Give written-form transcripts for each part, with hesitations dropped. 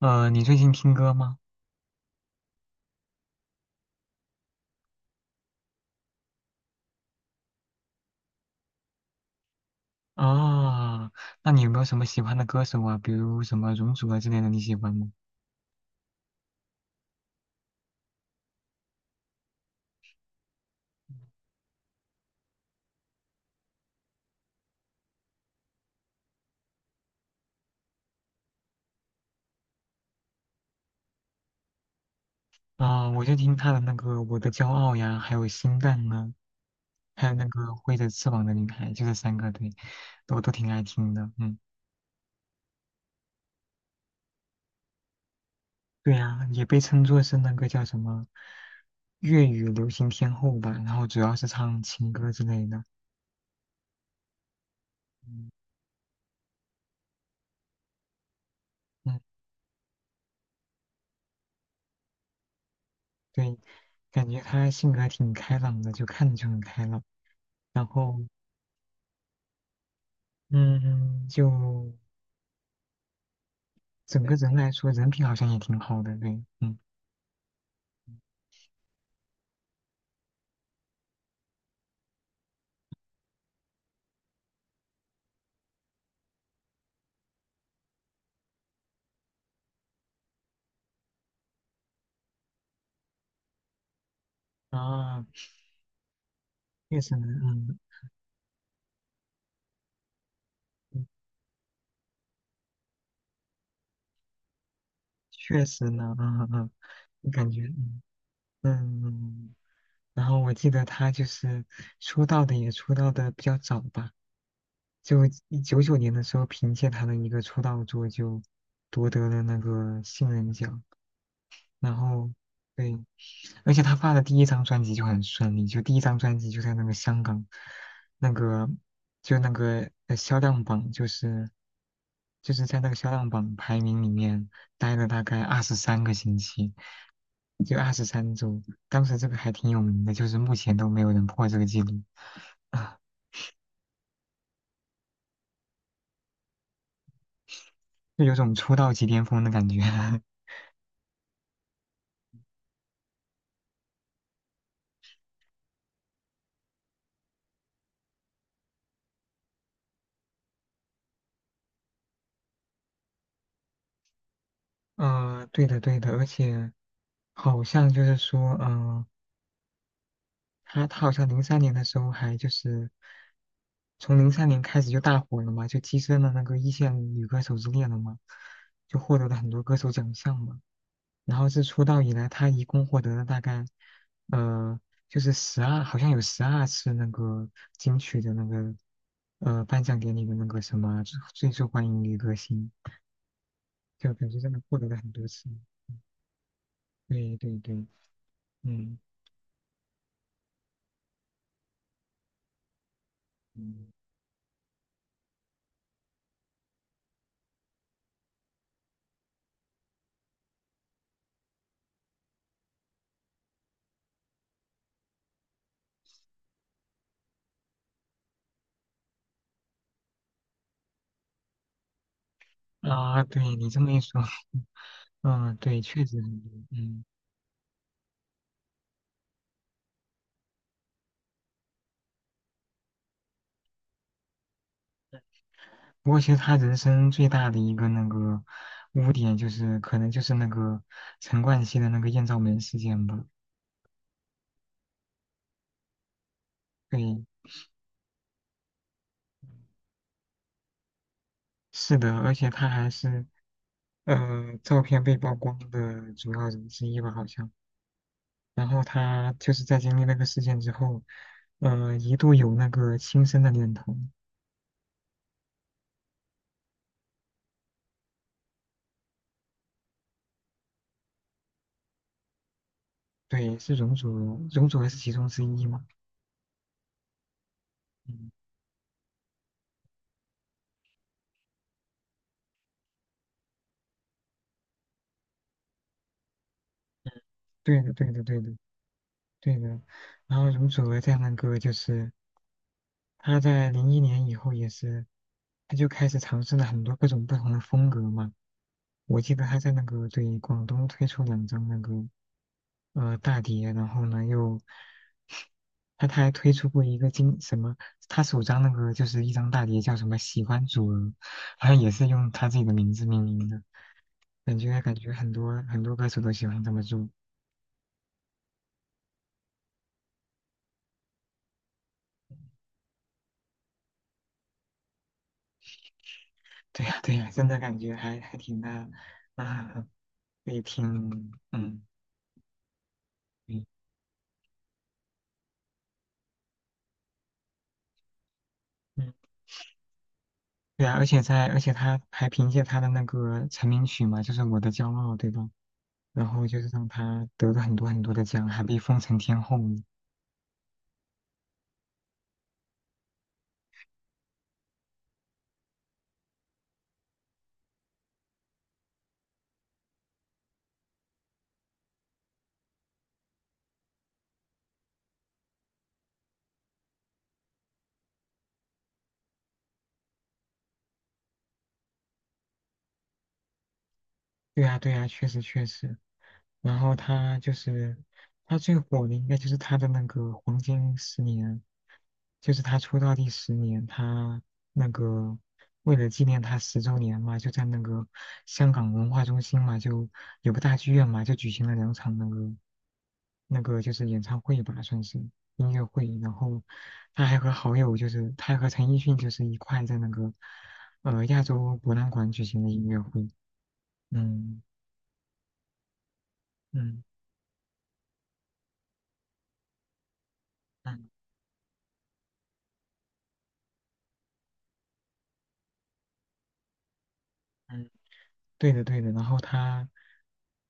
你最近听歌吗？啊，那你有没有什么喜欢的歌手啊？比如什么容祖儿之类的，你喜欢吗？啊，我就听他的那个《我的骄傲》呀，还有《心淡》啊，还有那个《挥着翅膀的女孩》，就这三个，对，我都挺爱听的。嗯，对呀，也被称作是那个叫什么粤语流行天后吧，然后主要是唱情歌之类的。嗯嗯，对，感觉他性格挺开朗的，就看着就很开朗。然后，嗯，就整个人来说，人品好像也挺好的，对，嗯，啊，确实呢，嗯，嗯确实呢，嗯嗯，嗯感觉，嗯嗯，然后我记得他就是出道的也出道的比较早吧，就99年的时候，凭借他的一个出道作就夺得了那个新人奖，然后对，而且他发的第一张专辑就很顺利，就第一张专辑就在那个香港那个。就那个销量榜，就是在那个销量榜排名里面待了大概23个星期，就23周。当时这个还挺有名的，就是目前都没有人破这个记录啊，就有种出道即巅峰的感觉。对的对的，而且好像就是说，他好像零三年的时候还就是从零三年开始就大火了嘛，就跻身了那个一线女歌手之列了嘛，就获得了很多歌手奖项嘛。然后是出道以来，他一共获得了大概，呃，就是十二，好像有12次那个金曲的那个，颁奖典礼的那个什么最受欢迎女歌星，就感觉真的获得了很多次。对对对，嗯，嗯啊，对你这么一说，嗯，对，确实很多，嗯。不过其实他人生最大的一个那个污点就是，可能就是那个陈冠希的那个艳照门事件吧。对，是的，而且他还是照片被曝光的主要人之一吧，好像。然后他就是在经历那个事件之后，一度有那个轻生的念头。对，是容祖儿，容祖儿是其中之一嘛？嗯，对的，对的，对的，对的。然后容祖儿在那个就是她在01年以后也是，她就开始尝试了很多各种不同的风格嘛。我记得她在那个对广东推出2张那个大碟，然后呢又他还推出过一个经什么，他首张那个就是一张大碟叫什么《喜欢主，人，好像也是用他自己的名字命名的，感觉很多很多歌手都喜欢这么做。对呀对呀，真的感觉还挺那啊，也挺嗯嗯嗯，对啊，而且他还凭借他的那个成名曲嘛，就是《我的骄傲》，对吧？然后就是让他得了很多很多的奖，还被封成天后。对呀，对呀，确实确实。然后他就是他最火的，应该就是他的那个黄金十年，就是他出道第10年，他那个为了纪念他10周年嘛，就在那个香港文化中心嘛，就有个大剧院嘛，就举行了2场那个那个就是演唱会吧，算是音乐会。然后他还和好友，就是他还和陈奕迅就是一块在那个亚洲博览馆举行的音乐会。嗯嗯。嗯嗯，对的对的，然后他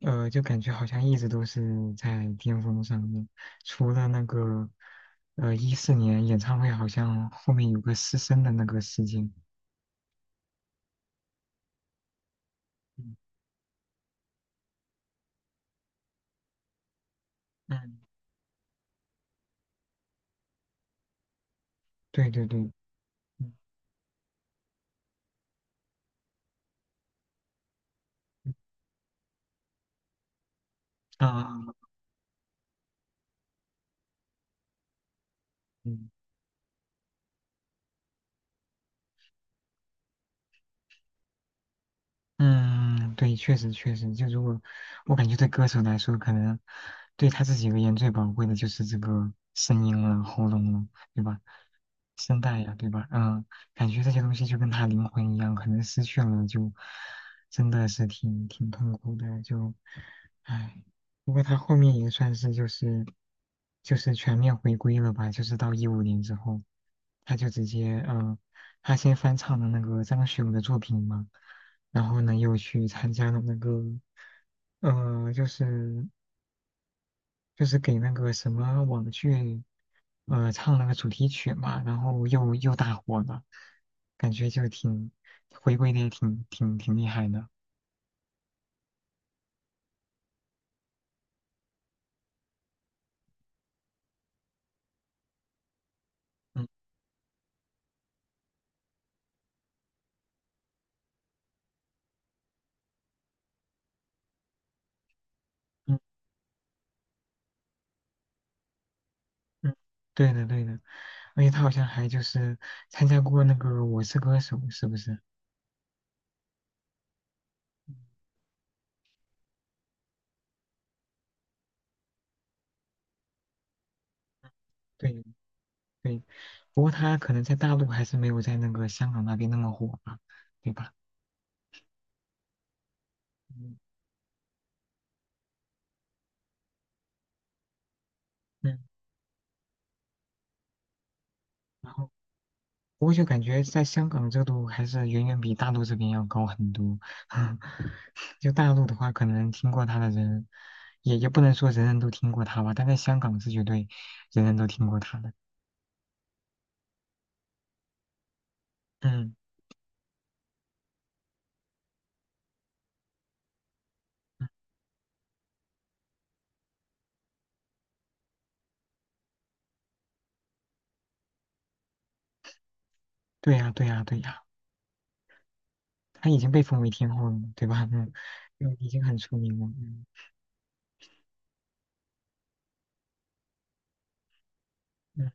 就感觉好像一直都是在巅峰上面，除了那个14年演唱会，好像后面有个失声的那个事件。嗯嗯，对对对，嗯啊嗯。嗯，对，确实确实，就如果我感觉对歌手来说，可能对他自己而言最宝贵的就是这个声音了、喉咙了，对吧？声带呀，对吧？嗯，感觉这些东西就跟他灵魂一样，可能失去了就真的是挺痛苦的，就唉。不过他后面也算是就是全面回归了吧，就是到15年之后。他就直接，嗯，他先翻唱了那个张学友的作品嘛，然后呢又去参加了那个，呃，就是就是给那个什么网剧，唱那个主题曲嘛，然后又大火了，感觉就挺回归的也挺厉害的。嗯嗯嗯，对的对的，而且他好像还就是参加过那个《我是歌手》，是不是？对。对，不过他可能在大陆还是没有在那个香港那边那么火吧，对吧？嗯，嗯，然后不过就感觉在香港热度还是远远比大陆这边要高很多。就大陆的话，可能听过他的人也不能说人人都听过他吧，但在香港是绝对人人都听过他的。嗯，对呀，对呀，对呀，他已经被封为天后了嘛对吧？嗯，就已经很出名了。嗯，嗯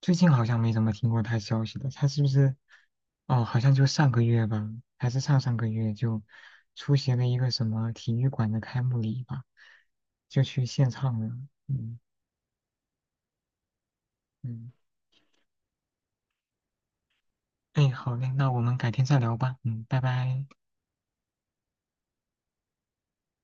最近好像没怎么听过他消息了，他是不是？哦，好像就上个月吧，还是上上个月就出席了一个什么体育馆的开幕礼吧，就去献唱了。嗯嗯，哎，好嘞，那我们改天再聊吧。嗯，拜拜。